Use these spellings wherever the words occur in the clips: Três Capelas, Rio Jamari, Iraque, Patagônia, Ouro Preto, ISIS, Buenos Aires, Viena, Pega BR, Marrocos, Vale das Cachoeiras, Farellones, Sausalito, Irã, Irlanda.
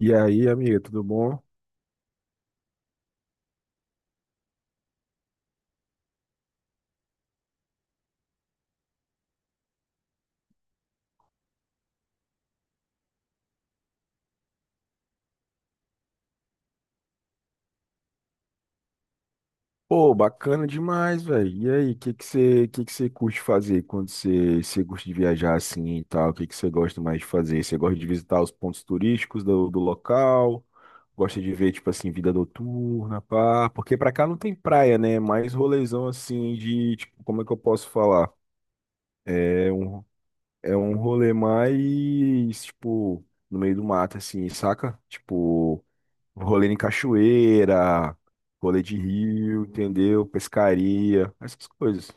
E aí, amiga, tudo bom? Pô, bacana demais, velho. E aí, o que que você curte fazer quando você gosta de viajar assim e tal? O que que você gosta mais de fazer? Você gosta de visitar os pontos turísticos do local? Gosta de ver, tipo assim, vida noturna, pá? Porque pra cá não tem praia, né? É mais rolezão assim de, tipo, como é que eu posso falar? É um, é um rolê mais, tipo, no meio do mato, assim, saca? Tipo. Rolê em cachoeira, rolê de rio, entendeu? Pescaria, essas coisas.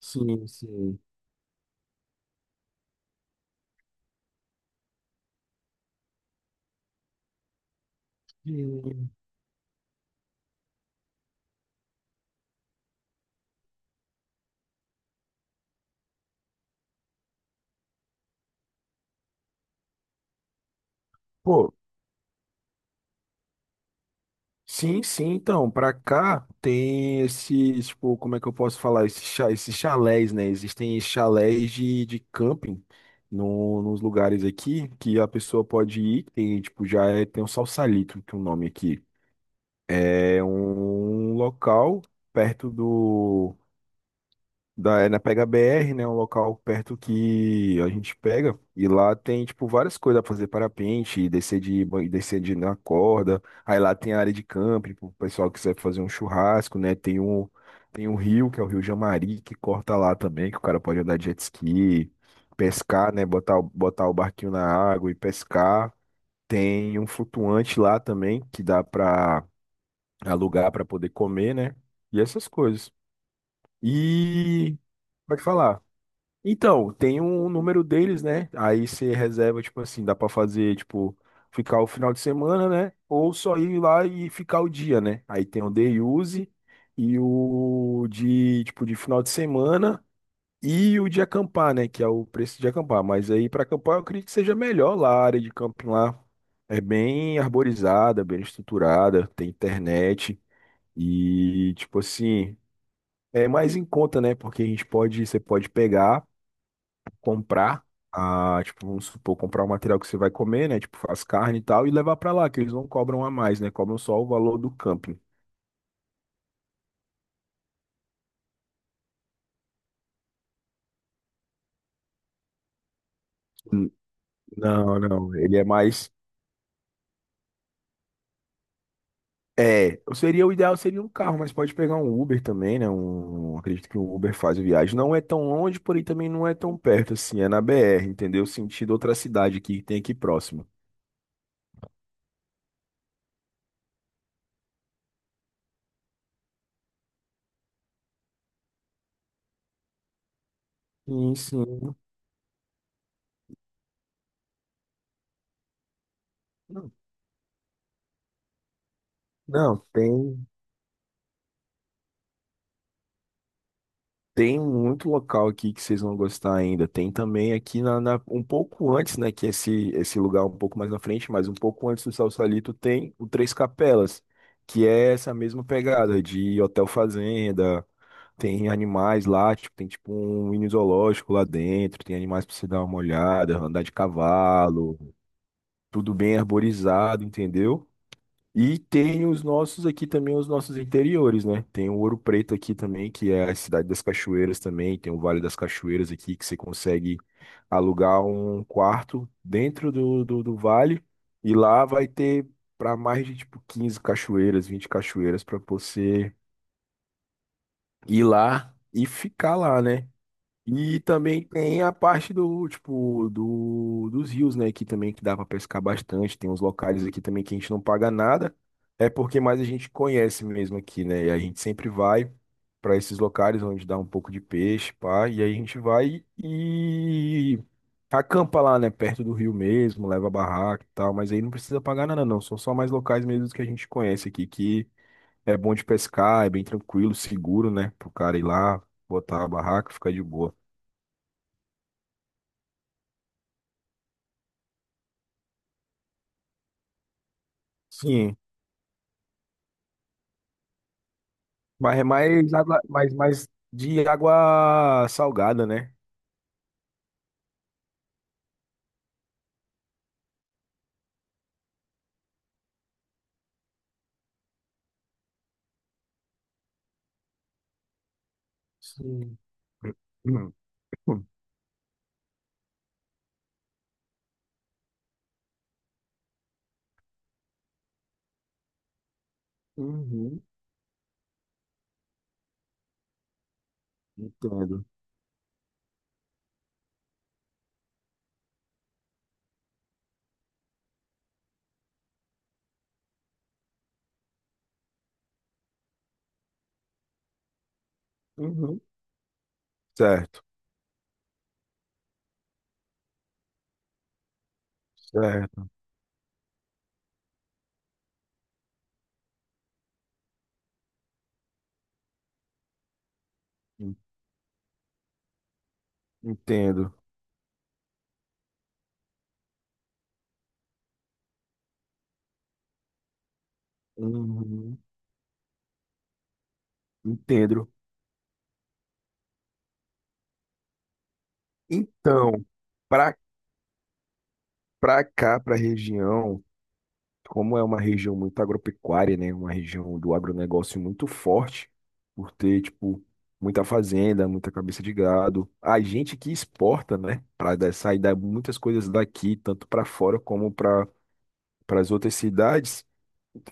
Sim, sim. E- Pô, sim, sim, então, pra cá tem esses, tipo, como é que eu posso falar? Esses, chalés, né? Existem chalés de camping no, nos lugares aqui que a pessoa pode ir, tem, tipo, tem um Salsalito, que é o nome aqui. É um local perto é na Pega BR, né? Um local perto que a gente pega. E lá tem, tipo, várias coisas pra fazer. Parapente, descer de na corda. Aí lá tem a área de camping, pro pessoal que quiser fazer um churrasco, né? Tem um rio, que é o Rio Jamari, que corta lá também, que o cara pode andar de jet ski, pescar, né? Botar, botar o barquinho na água e pescar. Tem um flutuante lá também, que dá pra alugar pra poder comer, né? E essas coisas. E... Pode falar. Então, tem um número deles, né? Aí você reserva, tipo assim, dá pra fazer, tipo, ficar o final de semana, né? Ou só ir lá e ficar o dia, né? Aí tem o day use e o de, tipo, de final de semana e o de acampar, né? Que é o preço de acampar. Mas aí pra acampar eu acredito que seja melhor lá, a área de camping lá é bem arborizada, bem estruturada, tem internet e, tipo assim, é mais em conta, né? Porque a gente pode, você pode pegar comprar, a, tipo, vamos supor, comprar o material que você vai comer, né? Tipo, as carnes e tal, e levar pra lá, que eles não cobram a mais, né? Cobram só o valor do camping. N- Não, não, ele é mais. É, seria o ideal seria um carro, mas pode pegar um Uber também, né? Um, acredito que o Uber faz a viagem. Não é tão longe, porém também não é tão perto assim. É na BR, entendeu? Sentido outra cidade aqui que tem aqui próximo. Sim, sim. Não, não, tem. Tem muito local aqui que vocês vão gostar ainda. Tem também aqui um pouco antes, né? Que esse lugar é um pouco mais na frente, mas um pouco antes do Salsalito tem o Três Capelas, que é essa mesma pegada de hotel fazenda. Tem animais lá, tipo, tem tipo um mini zoológico lá dentro, tem animais pra você dar uma olhada, andar de cavalo, tudo bem arborizado, entendeu? E tem os nossos aqui também, os nossos interiores, né? Tem o Ouro Preto aqui também, que é a cidade das cachoeiras também. Tem o Vale das Cachoeiras aqui, que você consegue alugar um quarto dentro do vale. E lá vai ter para mais de tipo 15 cachoeiras, 20 cachoeiras para você ir lá e ficar lá, né? E também tem a parte do, tipo, dos rios, né? Que também que dá pra pescar bastante. Tem uns locais aqui também que a gente não paga nada. É porque mais a gente conhece mesmo aqui, né? E a gente sempre vai pra esses locais onde dá um pouco de peixe, pá. E aí a gente vai e acampa lá, né? Perto do rio mesmo, leva barraca e tal. Mas aí não precisa pagar nada, não. São só mais locais mesmo que a gente conhece aqui, que é bom de pescar, é bem tranquilo, seguro, né? Pro cara ir lá, botar a barraca, ficar de boa. Sim, mas é mais água, mais, mais de água salgada, né? Sim. Hum. Uhum, entendo. Uhum. Certo, certo. En- Entendo. Uhum, entendo. Então, para para cá, para a região. Como é uma região muito agropecuária, né? Uma região do agronegócio muito forte, por ter, tipo, muita fazenda, muita cabeça de gado. A gente que exporta, né? Para sair muitas coisas daqui, tanto para fora como para as outras cidades,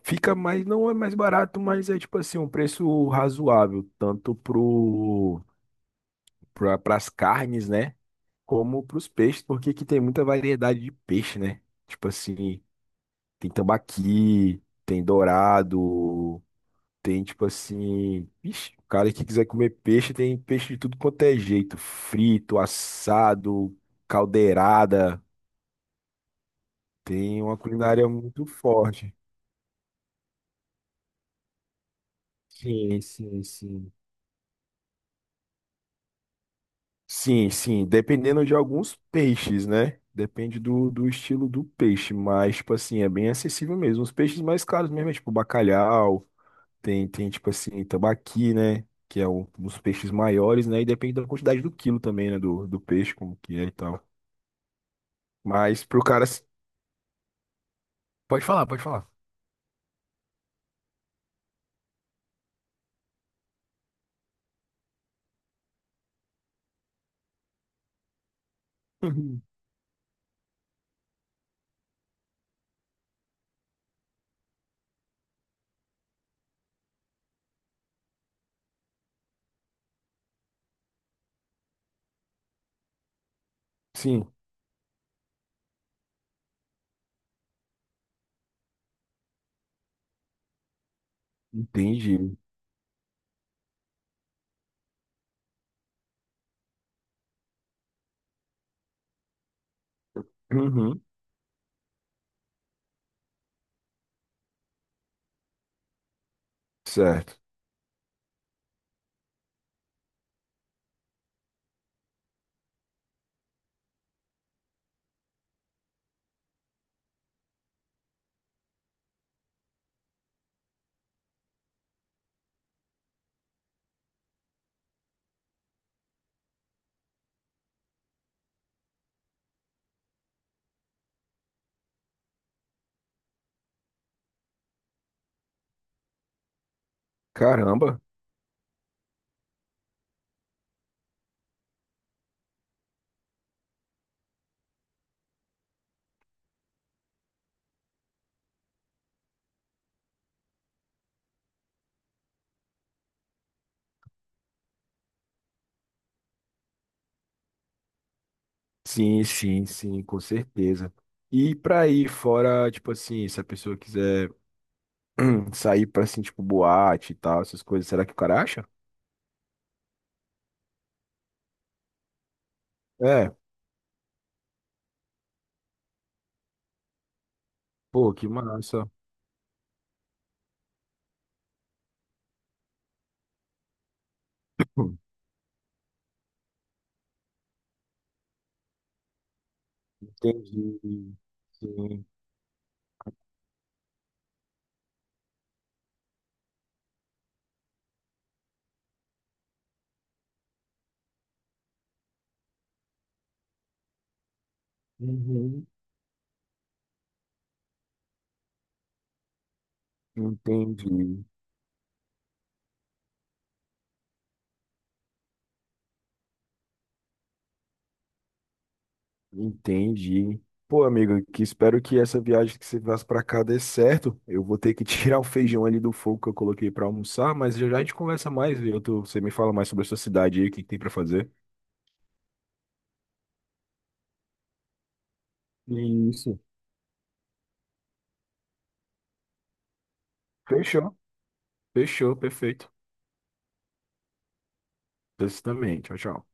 fica mais, não é mais barato, mas é tipo assim, um preço razoável, tanto pro para as carnes, né? Como para os peixes, porque aqui tem muita variedade de peixe, né? Tipo assim. Tem tambaqui, tem dourado, tem tipo assim. Ixi, o cara que quiser comer peixe, tem peixe de tudo quanto é jeito. Frito, assado, caldeirada. Tem uma culinária muito forte. Sim, sim, sim. Sim, sim, dependendo de alguns peixes, né? Depende do estilo do peixe, mas, tipo assim, é bem acessível mesmo. Os peixes mais caros mesmo, é tipo bacalhau. Tipo assim, tambaqui, né? Que é um dos peixes maiores, né? E depende da quantidade do quilo também, né? Do peixe, como que é e tal. Mas pro cara. Pode falar, pode falar. Uhum. Sim, entendi. Uhum, certo. Caramba. Sim, sim, sim, com certeza. E pra aí fora, tipo assim, se a pessoa quiser sair pra, assim, tipo, boate e tal, essas coisas, será que o cara acha? É, pô, que massa. Hum, Entendi. Sim. Uhum. Entendi, entendi. Pô, amigo, que espero que essa viagem que você faz pra cá dê certo. Eu vou ter que tirar o feijão ali do fogo que eu coloquei pra almoçar, mas já já a gente conversa mais, viu? Você me fala mais sobre a sua cidade aí, o que que tem pra fazer. Isso. Fechou. Fechou, perfeito. Você também. Tchau, tchau.